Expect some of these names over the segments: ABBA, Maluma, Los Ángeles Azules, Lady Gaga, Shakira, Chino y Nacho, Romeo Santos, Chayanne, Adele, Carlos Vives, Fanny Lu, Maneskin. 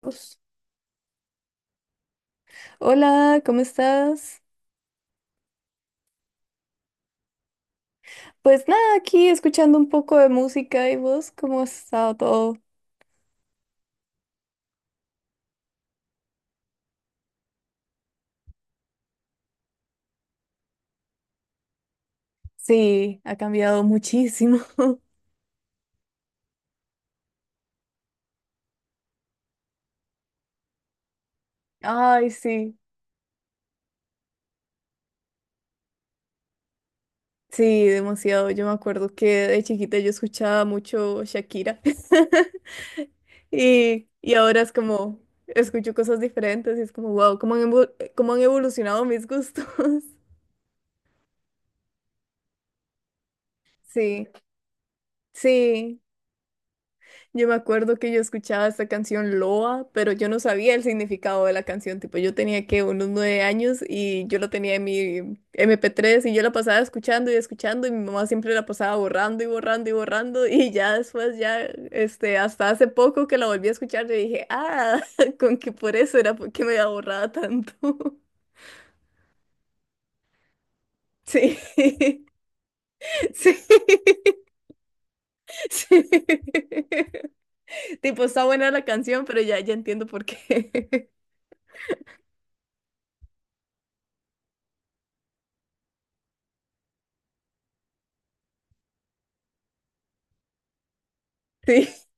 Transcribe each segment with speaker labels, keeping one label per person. Speaker 1: Pues, hola, ¿cómo estás? Pues nada, aquí escuchando un poco de música y vos, ¿cómo ha estado todo? Sí, ha cambiado muchísimo. Ay, sí, sí, demasiado. Yo me acuerdo que de chiquita yo escuchaba mucho Shakira y ahora es como, escucho cosas diferentes y es como, wow, cómo han evolucionado mis gustos. Sí, sí. Yo me acuerdo que yo escuchaba esta canción Loa, pero yo no sabía el significado de la canción. Tipo, yo tenía que unos nueve años y yo lo tenía en mi MP3 y yo la pasaba escuchando y escuchando, y mi mamá siempre la pasaba borrando y borrando y borrando. Y ya después ya, este, hasta hace poco que la volví a escuchar, yo dije, ah, con que por eso era, porque me había borrado tanto. Sí, sí, sí. Tipo, está buena la canción, pero ya, ya entiendo por qué. Sí.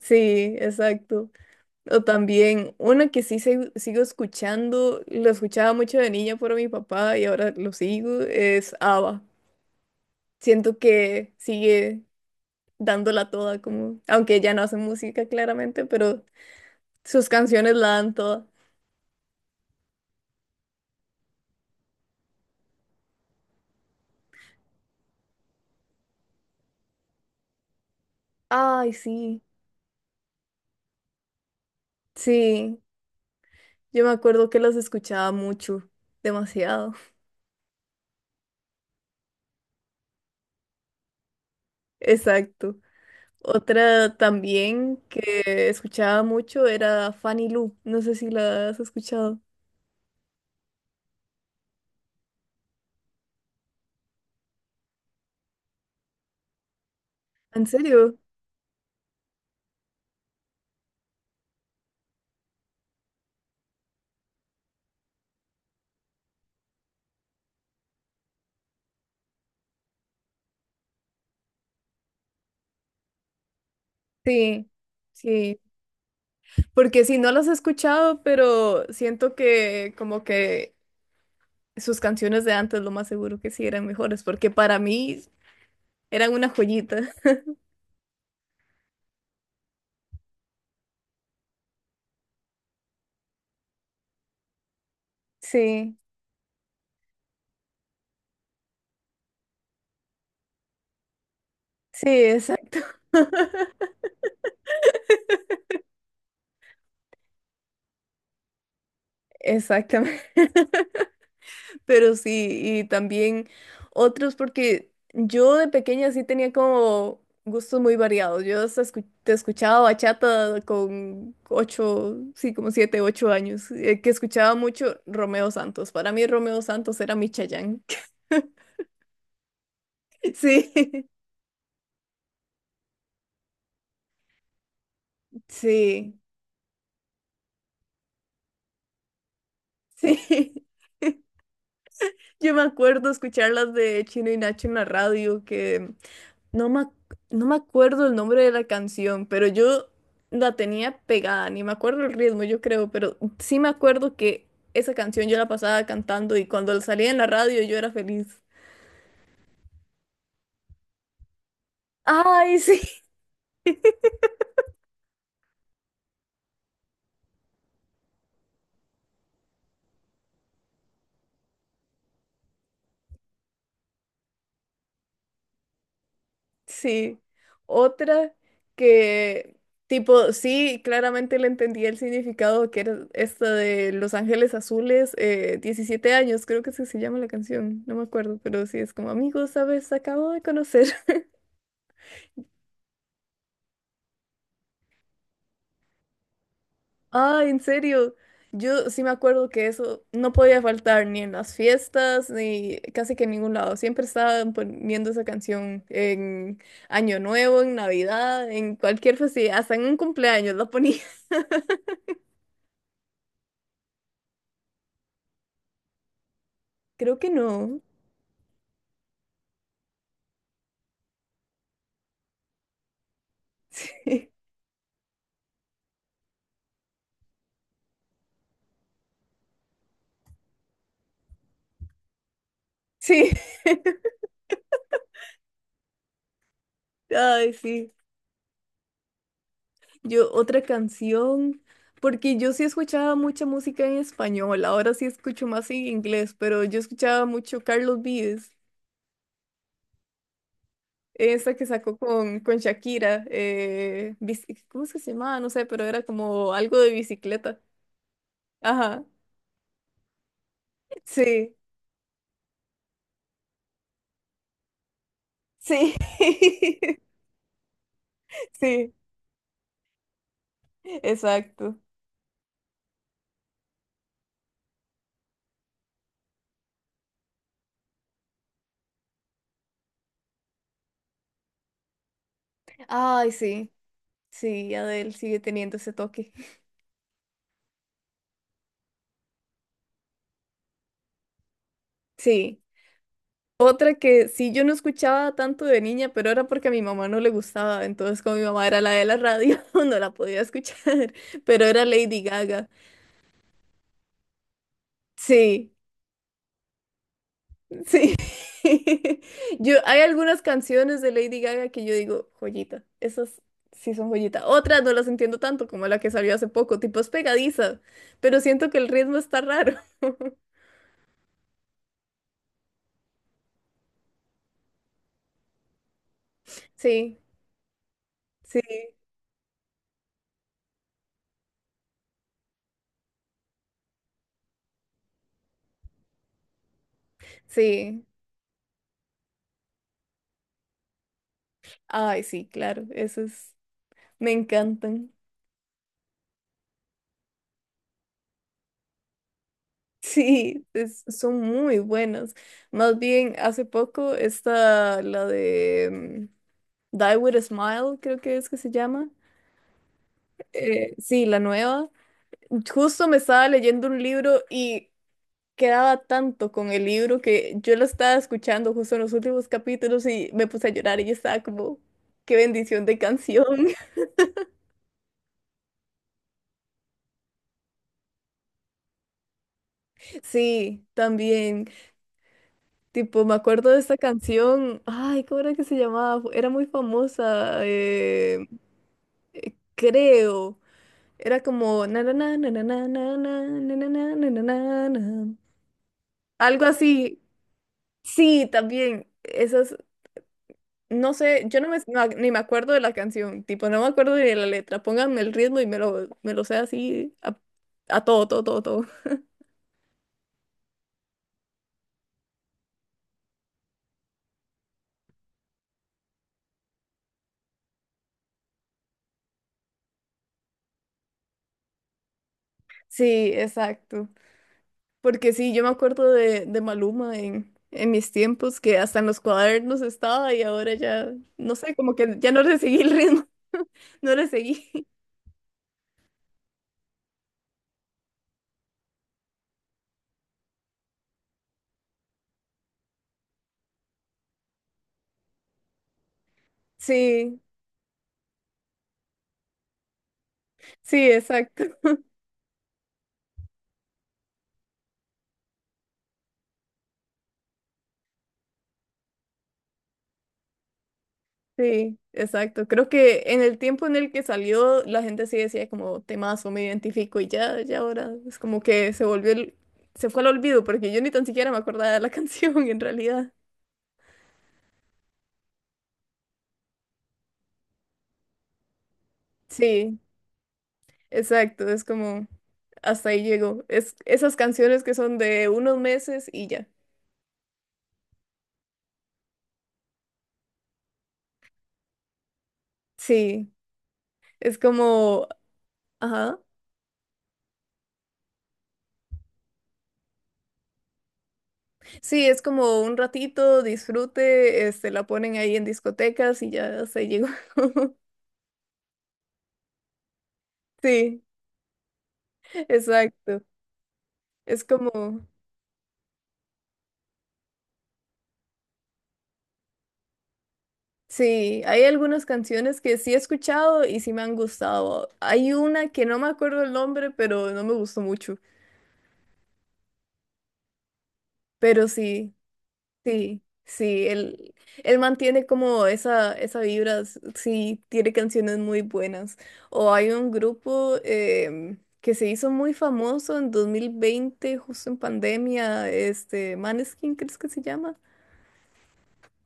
Speaker 1: Sí, exacto. O también una que sí sigo escuchando, lo escuchaba mucho de niña por mi papá y ahora lo sigo, es ABBA. Siento que sigue dándola toda, como, aunque ya no hace música claramente, pero sus canciones la dan toda. Ay, sí. Sí, yo me acuerdo que las escuchaba mucho, demasiado. Exacto. Otra también que escuchaba mucho era Fanny Lu. No sé si la has escuchado. ¿En serio? Sí, sí, porque si no las he escuchado, pero siento que como que sus canciones de antes lo más seguro que sí eran mejores, porque para mí eran una joyita. Sí, sí, exacto. Exactamente. Pero sí, y también otros, porque yo de pequeña sí tenía como gustos muy variados. Yo hasta te escuchaba bachata con ocho, sí, como siete, ocho años, que escuchaba mucho Romeo Santos. Para mí Romeo Santos era mi Chayanne. Sí, sí, sí. Yo me acuerdo escuchar las de Chino y Nacho en la radio, que No me, ac- no me acuerdo el nombre de la canción, pero yo la tenía pegada, ni me acuerdo el ritmo, yo creo, pero sí me acuerdo que esa canción yo la pasaba cantando, y cuando la salía en la radio yo era feliz. Ay, sí, sí. Otra que, tipo, sí, claramente le entendía el significado, que era esta de Los Ángeles Azules, 17 años, creo que así se llama la canción, no me acuerdo, pero sí es como, amigos, ¿sabes? Acabo de conocer. Ah, ¿en serio? Yo sí me acuerdo que eso no podía faltar ni en las fiestas, ni casi que en ningún lado. Siempre estaban poniendo esa canción en Año Nuevo, en Navidad, en cualquier festividad, hasta en un cumpleaños la ponía. Creo que no. Sí. Sí. Ay, sí. Yo, otra canción, porque yo sí escuchaba mucha música en español, ahora sí escucho más en inglés, pero yo escuchaba mucho Carlos Vives. Esa que sacó con, Shakira, ¿cómo es que se llamaba? No sé, pero era como algo de bicicleta. Ajá, sí, sí, sí, exacto. Ay, sí, sí, Adele sigue teniendo ese toque. Sí. Otra que sí yo no escuchaba tanto de niña, pero era porque a mi mamá no le gustaba, entonces como mi mamá era la de la radio, no la podía escuchar, pero era Lady Gaga. Sí. Sí. Yo, hay algunas canciones de Lady Gaga que yo digo, joyita. Esas sí son joyita. Otras no las entiendo tanto, como la que salió hace poco, tipo, es pegadiza, pero siento que el ritmo está raro. Sí, sí, sí. Ay, sí, claro, esas me encantan. Sí, son muy buenas. Más bien, hace poco está la de Die With a Smile, creo que es que se llama. Sí, la nueva. Justo me estaba leyendo un libro, y quedaba tanto con el libro, que yo lo estaba escuchando justo en los últimos capítulos y me puse a llorar, y yo estaba como, qué bendición de canción. Sí, también. Tipo, me acuerdo de esta canción. Ay, ¿cómo era que se llamaba? Era muy famosa, creo. Era como na na na na na na na na na na na na na na na. Algo así. Sí, también. Esa es No sé, yo no me, no- ni me acuerdo de la canción, tipo, no me acuerdo ni de la letra. Pónganme el ritmo y me lo sé así a todo, todo, todo, todo. Sí, exacto. Porque sí, yo me acuerdo de Maluma en mis tiempos, que hasta en los cuadernos estaba, y ahora ya, no sé, como que ya no le seguí el ritmo, no le seguí. Sí, sí, exacto. Sí, exacto. Creo que en el tiempo en el que salió, la gente sí decía como temazo, me identifico, y ya, ya ahora es como que se volvió se fue al olvido, porque yo ni tan siquiera me acordaba de la canción en realidad. Sí, exacto. Es como hasta ahí llegó. Es esas canciones que son de unos meses y ya. Sí, es como, ajá. Sí, es como un ratito, disfrute, este, la ponen ahí en discotecas y ya hasta ahí llegó. Sí, exacto. Es como Sí, hay algunas canciones que sí he escuchado y sí me han gustado. Hay una que no me acuerdo el nombre, pero no me gustó mucho. Pero sí, sí, sí, él mantiene como esa vibra, sí, tiene canciones muy buenas. O hay un grupo que se hizo muy famoso en 2020, justo en pandemia, este, Maneskin, ¿crees que se llama?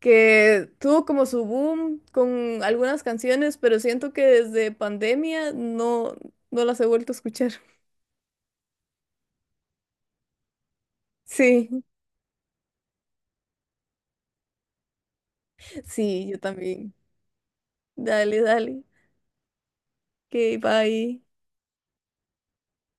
Speaker 1: Que tuvo como su boom con algunas canciones, pero siento que desde pandemia no, no las he vuelto a escuchar. Sí, sí, yo también. Dale, dale. Ok, bye.